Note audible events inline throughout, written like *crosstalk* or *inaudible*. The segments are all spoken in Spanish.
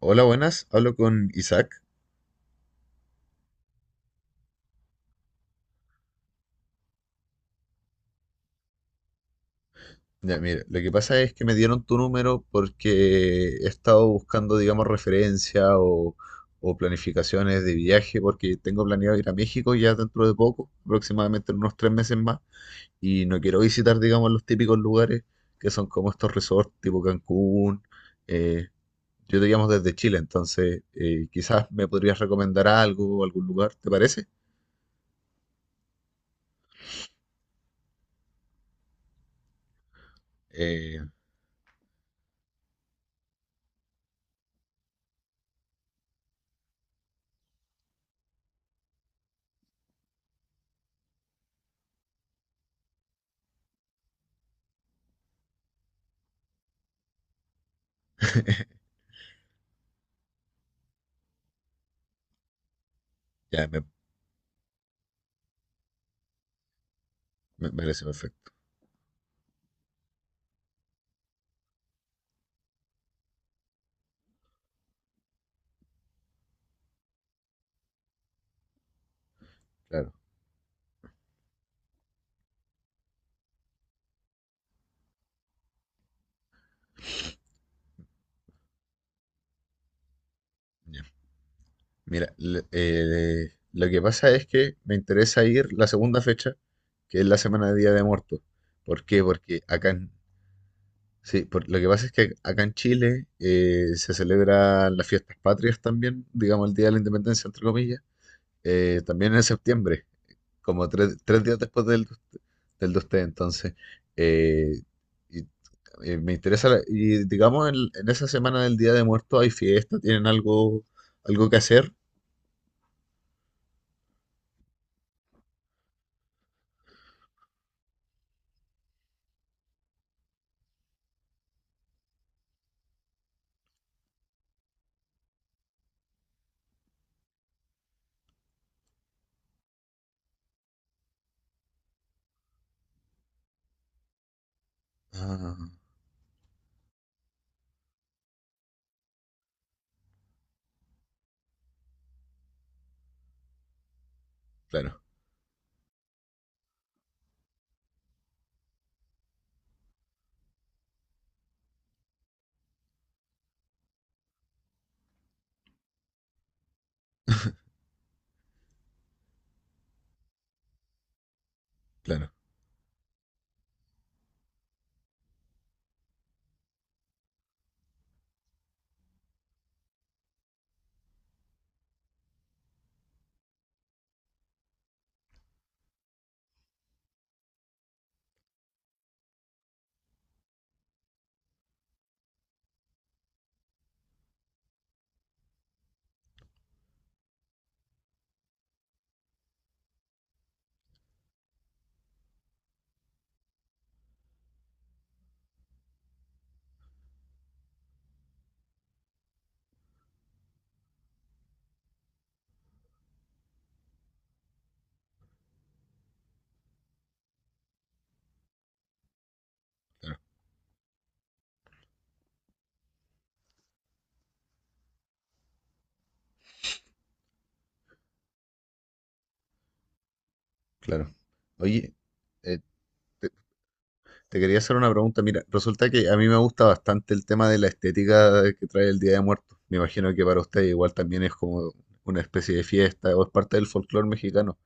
Hola, buenas. Hablo con Isaac. Ya, mire, lo que pasa es que me dieron tu número porque he estado buscando, digamos, referencia o planificaciones de viaje porque tengo planeado ir a México ya dentro de poco, aproximadamente en unos tres meses más, y no quiero visitar, digamos, los típicos lugares que son como estos resorts tipo Cancún. eh, yo te llamo desde Chile, entonces quizás me podrías recomendar algo, algún lugar, ¿te parece? Eh, ya, me parece perfecto, claro. Ya. Mira, lo que pasa es que me interesa ir la segunda fecha, que es la semana de Día de Muertos. ¿Por qué? Porque sí, lo que pasa es que acá en Chile se celebran las fiestas patrias también, digamos el Día de la Independencia, entre comillas, también en septiembre, como tres, tres días después del, del de usted. Entonces, eh, y, me interesa, y digamos en esa semana del Día de Muertos hay fiesta, tienen algo, algo que hacer. Ah, claro. Claro, claro, claro. Oye, eh, te quería hacer una pregunta. Mira, resulta que a mí me gusta bastante el tema de la estética que trae el Día de Muertos. Me imagino que para usted igual también es como una especie de fiesta o es parte del folclore mexicano.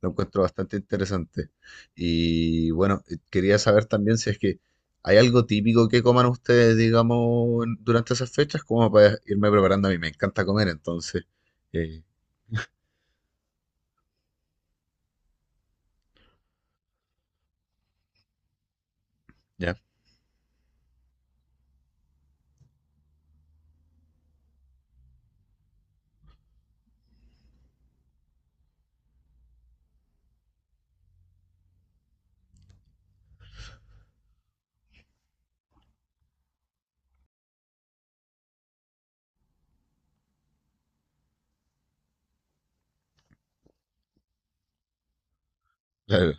Lo encuentro bastante interesante. Y bueno, quería saber también si es que hay algo típico que coman ustedes, digamos, durante esas fechas, como para irme preparando. A mí me encanta comer, entonces, eh, ya, claro,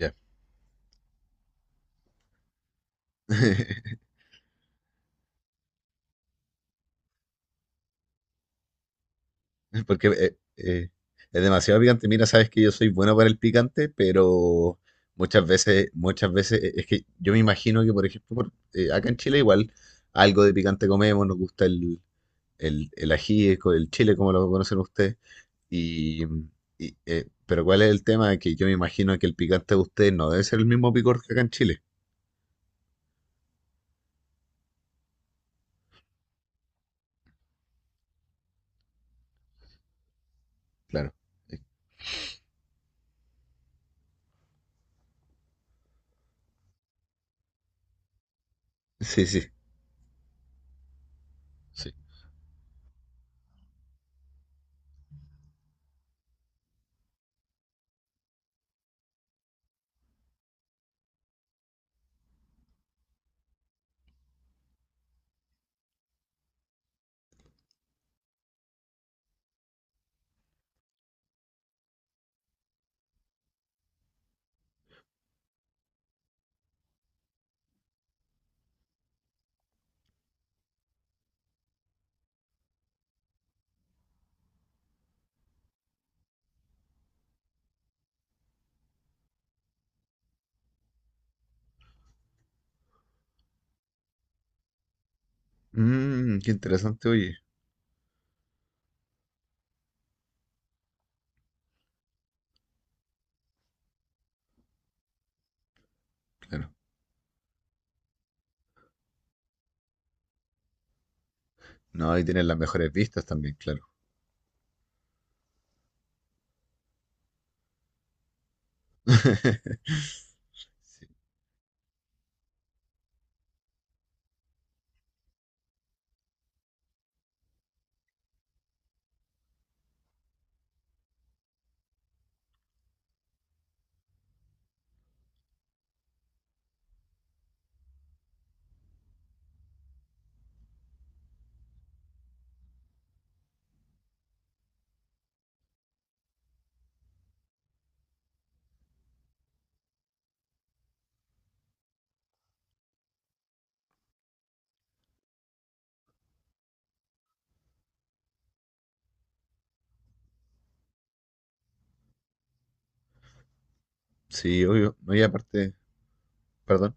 ya. *laughs* *laughs* Porque es demasiado picante. Mira, sabes que yo soy bueno para el picante, pero muchas veces, es que yo me imagino que, por ejemplo, acá en Chile igual algo de picante comemos, nos gusta el ají, el chile, como lo conocen ustedes. Y, y, pero ¿cuál es el tema? Que yo me imagino que el picante de ustedes no debe ser el mismo picor que acá en Chile. Claro. Eh, Sí, sí, sí. Mmm, qué interesante, oye. Claro. No, ahí tienen las mejores vistas también, claro. *laughs* Sí, obvio. No, y aparte, perdón.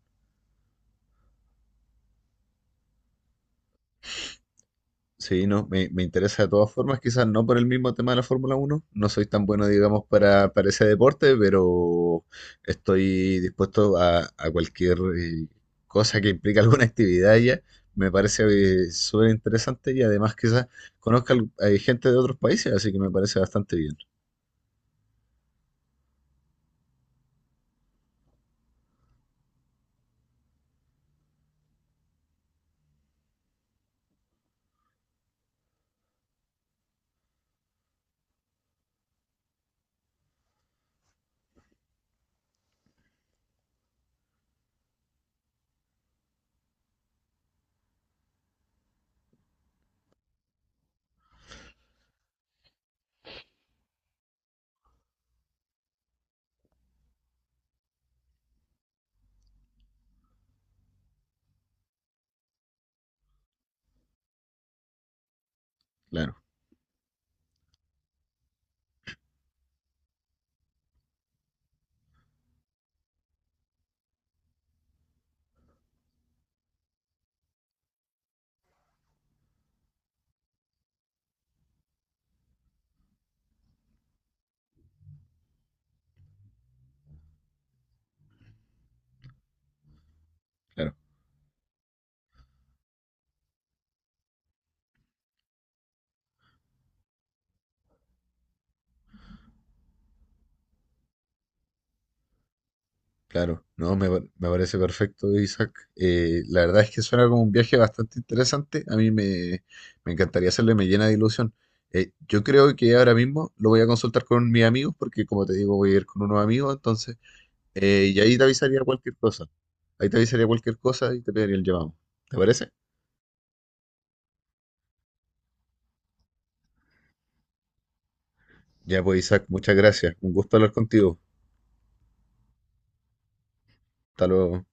Sí, no, me interesa de todas formas, quizás no por el mismo tema de la Fórmula Uno. No soy tan bueno, digamos, para ese deporte, pero estoy dispuesto a cualquier cosa que implique alguna *laughs* actividad ya. Me parece súper interesante y además quizás hay gente de otros países, así que me parece bastante bien. Claro, claro. Claro, no, me parece perfecto, Isaac. La verdad es que suena como un viaje bastante interesante. A mí me encantaría hacerle, me llena de ilusión. Yo creo que ahora mismo lo voy a consultar con mis amigos, porque como te digo, voy a ir con unos amigos, entonces, y ahí te avisaría cualquier cosa. Ahí te avisaría cualquier cosa y te pediría el llamado. ¿Te parece? Ya pues, Isaac, muchas gracias. Un gusto hablar contigo. Hasta luego.